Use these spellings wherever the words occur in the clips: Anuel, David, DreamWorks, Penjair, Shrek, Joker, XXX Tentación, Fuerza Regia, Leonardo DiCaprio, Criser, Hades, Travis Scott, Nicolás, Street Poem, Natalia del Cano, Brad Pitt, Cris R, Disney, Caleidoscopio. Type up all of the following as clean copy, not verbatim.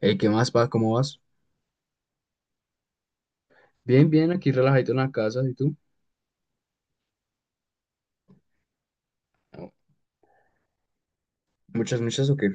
Ey, ¿qué más, pa? ¿Cómo vas? Bien, bien, aquí relajadito en la casa, ¿y tú? No. Muchas, muchas, ¿o qué?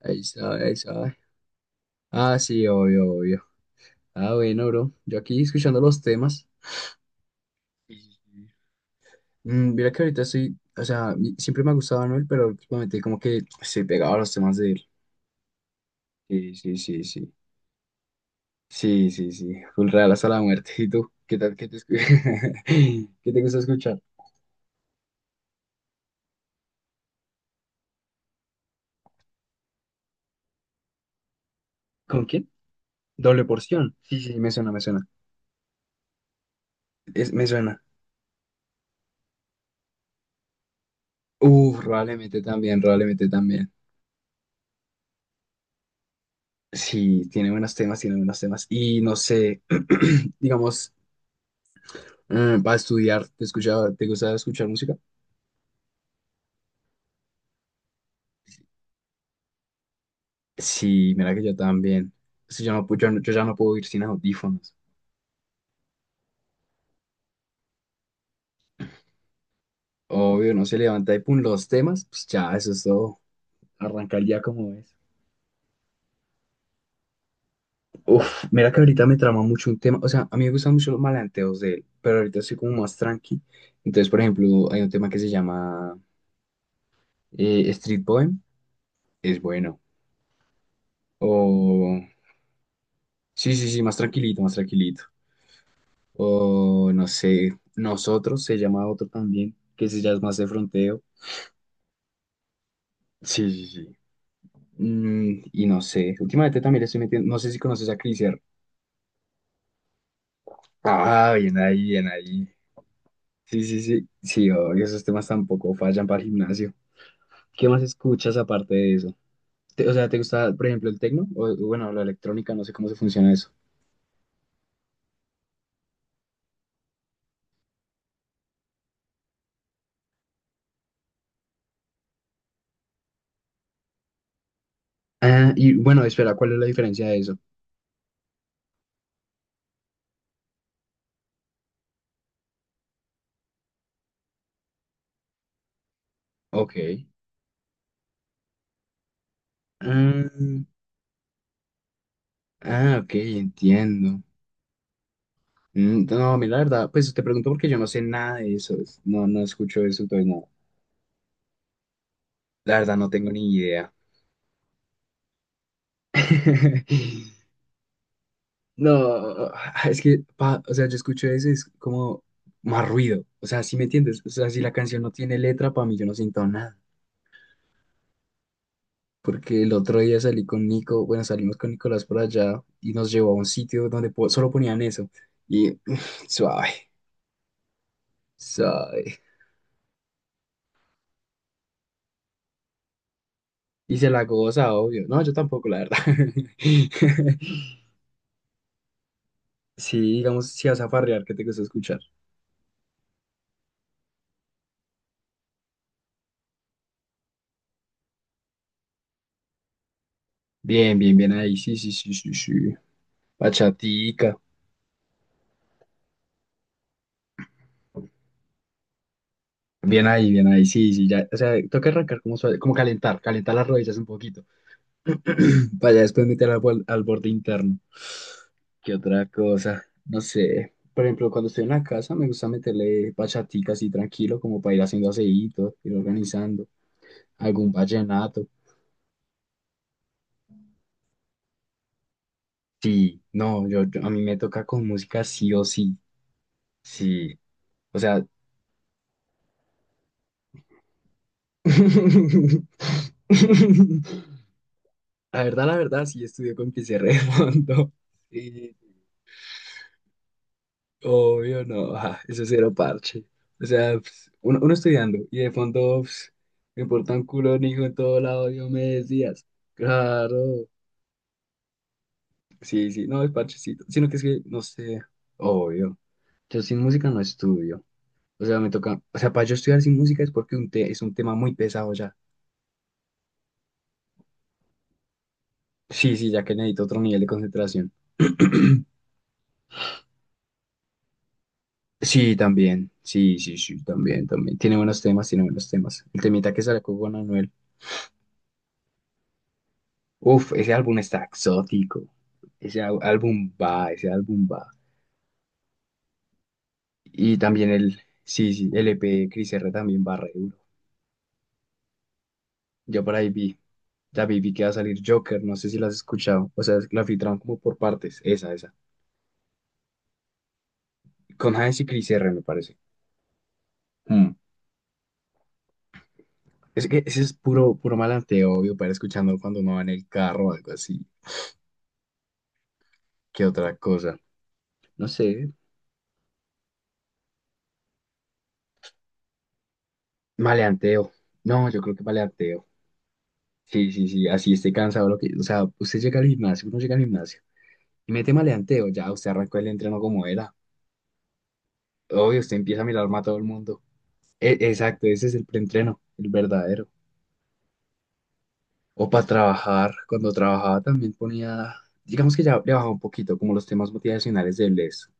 Ahí está, ahí está. Ah, sí, obvio, obvio. Ah, bueno, bro. Yo aquí escuchando los temas. Sí. Mira que ahorita estoy, o sea, siempre me ha gustado Anuel, pero últimamente como que estoy pegado a los temas de él. Sí, sí, sí, sí. Sí, sí, sí. Full real hasta la muerte. ¿Y tú? ¿Qué tal? ¿Qué te gusta escuchar? ¿Con quién? Doble porción. Sí, sí, me suena, me suena. Me suena. Uf, probablemente también, probablemente también. Sí, tiene buenos temas, tiene buenos temas. Y no sé, digamos, para estudiar, ¿ te gusta escuchar música? Sí, mira que yo también. Es yo no, pu- yo, no- yo ya no puedo ir sin audífonos. Obvio, no se levanta y pum, los temas, pues ya, eso es todo. Arrancar ya como es. Uf, mira que ahorita me trama mucho un tema. O sea, a mí me gustan mucho los malanteos de él, pero ahorita estoy como más tranqui. Entonces, por ejemplo, hay un tema que se llama Street Poem. Es bueno. O... Sí, sí, sí, más tranquilito, más tranquilito. O no sé, nosotros se llama otro también, que se llama más de fronteo. Sí, sí, sí. Y no sé, últimamente también le estoy metiendo, no sé si conoces a Criser. Ah, bien ahí, bien ahí. Sí, sí, sí, sí, obvio, esos temas tampoco fallan para el gimnasio. ¿Qué más escuchas aparte de eso? O sea, ¿te gusta, por ejemplo, el tecno? O bueno, la electrónica, no sé cómo se funciona eso. Ah, y bueno, espera, ¿cuál es la diferencia de eso? Ok. Ah, ok, entiendo. No, mira, la verdad, pues te pregunto porque yo no sé nada de eso, no, no escucho eso, entonces no, la verdad no tengo ni idea. No, es que, o sea, yo escucho eso, y es como más ruido, o sea, ¿si me entiendes? O sea, si la canción no tiene letra, para mí yo no siento nada, porque el otro día salí con Nico, bueno, salimos con Nicolás por allá y nos llevó a un sitio donde solo ponían eso, y suave, suave, y se la goza, obvio, no, yo tampoco, la verdad. Sí, digamos, si vas a farrear, ¿qué te gusta escuchar? Bien, bien, bien ahí, sí, sí, sí, sí, sí. Bachatica. Bien ahí, sí, sí, ya. O sea, toca arrancar como suave, como calentar, calentar las rodillas un poquito. Para ya después meter al borde interno. ¿Qué otra cosa? No sé. Por ejemplo, cuando estoy en la casa me gusta meterle bachatica así tranquilo, como para ir haciendo aseíto, ir organizando. Algún vallenato. Sí, no, a mí me toca con música sí o sí. Sí. O sea, la verdad, la verdad, sí estudió con pizarra de fondo. Y obvio, no, eso es cero parche. O sea, pues, uno estudiando y de fondo pues, me importa un culo, un hijo en todo lado, yo me decías. Claro, sí, sí, no es parchecito. Sino que es que, no sé, obvio. Yo sin música no estudio. O sea, me toca, o sea, para yo estudiar sin música es porque es un tema muy pesado ya. Sí, sí, ya que necesito otro nivel de concentración. Sí, también. Sí, sí, sí, también, también. Tiene buenos temas, tiene buenos temas. El temita que sacó con Anuel. Uf, ese álbum está exótico. Ese álbum va, ese álbum va. Y también el, sí, sí, el E P de Cris R también va re duro. Yo por ahí vi, David vi que va a salir Joker, no sé si la has escuchado. O sea, la filtraron como por partes. Esa, esa. Con Hades y Cris R, me parece. Mm. Es que ese es puro, puro malanteo, obvio, para escuchando cuando uno va en el carro o algo así. ¿Qué otra cosa? No sé, maleanteo. No, yo creo que maleanteo. Sí, sí, sí, así esté cansado. Lo que, o sea, usted llega al gimnasio, uno llega al gimnasio y mete maleanteo, ya usted arrancó el entreno como era. Obvio, usted empieza a mirar más a todo el mundo. Exacto, ese es el preentreno, el verdadero. O para trabajar, cuando trabajaba también ponía, digamos que ya le bajaba un poquito, como los temas motivacionales de bless,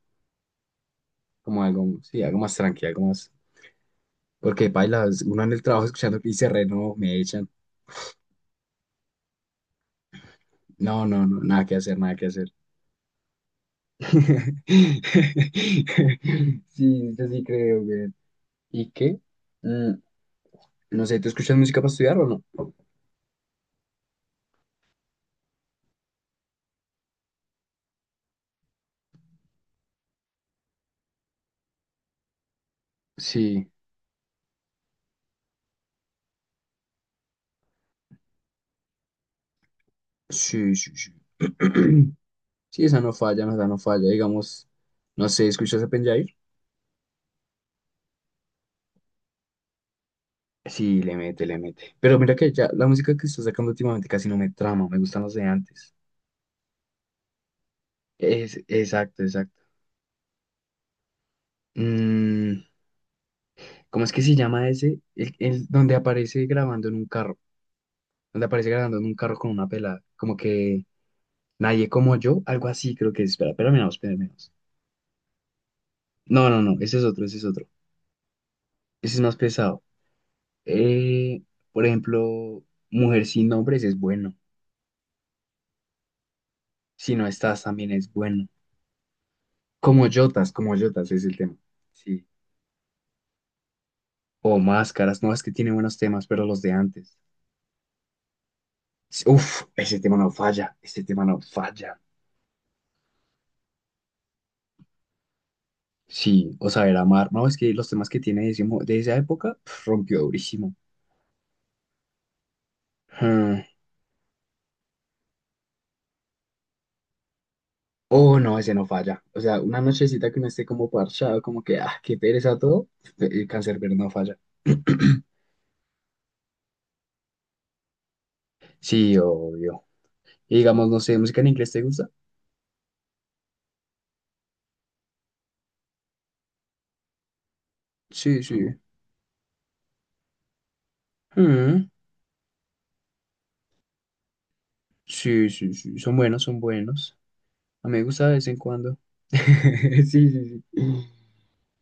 como algo, sí, algo más tranquilo, algo más. Porque bailas, uno en el trabajo escuchando que dice re, no, me echan. No, no, no, nada que hacer, nada que hacer. Sí, yo sí creo, güey. ¿Y qué? Mm, no sé, ¿tú escuchas música para estudiar o no? Sí, sí, sí, sí. Sí, esa no falla, no, esa no falla. Digamos, no sé, ¿escuchas a Penjair? Sí, le mete, le mete. Pero mira que ya la música que está sacando últimamente casi no me trama, me gustan los de antes. Exacto, exacto. Mm, ¿Cómo es que se llama ese? El donde aparece grabando en un carro. Donde aparece grabando en un carro con una pelada. Como que Nadie como yo, algo así creo que es. Espera, espera, menos, espera, menos. No, no, no, ese es otro, ese es otro. Ese es más pesado. Eh, por ejemplo, Mujer sin nombres es bueno. Si no estás, también es bueno. Como Yotas es el tema. Sí. O Máscaras, no, es que tiene buenos temas, pero los de antes. Sí, uf, ese tema no falla, ese tema no falla. Sí, o Saber Amar, no, es que los temas que tiene de, ese de esa época pf, rompió durísimo. Ah. Oh, no, ese no falla. O sea, una nochecita que uno esté como parchado, como que, ah, qué pereza todo, el cancerbero no falla. Sí, obvio. Y digamos, no sé, ¿música en inglés te gusta? Sí, sí. Mm, sí, sí, sí. Son buenos, son buenos. A mí me gusta de vez en cuando. Sí, sí, sí.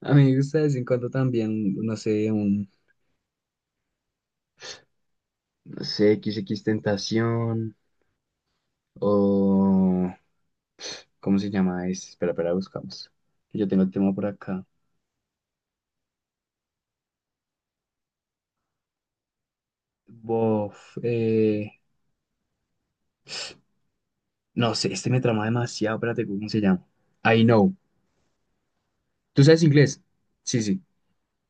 A mí me gusta de vez en cuando también, no sé, no sé, XX Tentación o... ¿Cómo se llama? Espera, espera, buscamos. Yo tengo el tema por acá. Bof, eh, No sé, este me trama demasiado. Espérate, ¿cómo se llama? I Know. ¿Tú sabes inglés? Sí, sí.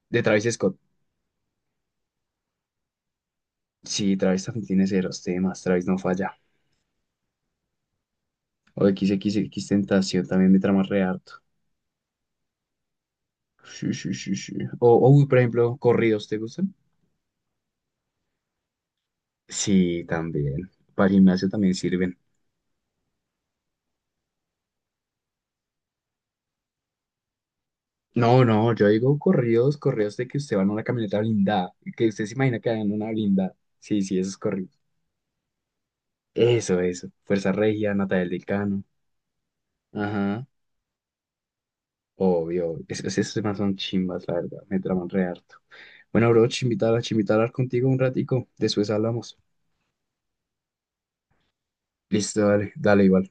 De Travis Scott. Sí, Travis también tiene ceros temas. Travis no falla. O XXX Tentación también me trama re harto. Sí, sí, sí, sí. Uy, por ejemplo, corridos, ¿te gustan? Sí, también. Para gimnasio también sirven. No, no, yo digo corridos, corridos de que usted va en una camioneta blindada. Que usted se imagina que va en una blindada. Sí, sí, esos corridos. Eso, eso. Fuerza Regia, Natalia del Cano. Ajá, obvio, esas más son chimbas, la verdad, me traman re harto. Bueno, bro, chimbitar, chimbitar contigo un ratico, después hablamos. Listo, dale, dale igual.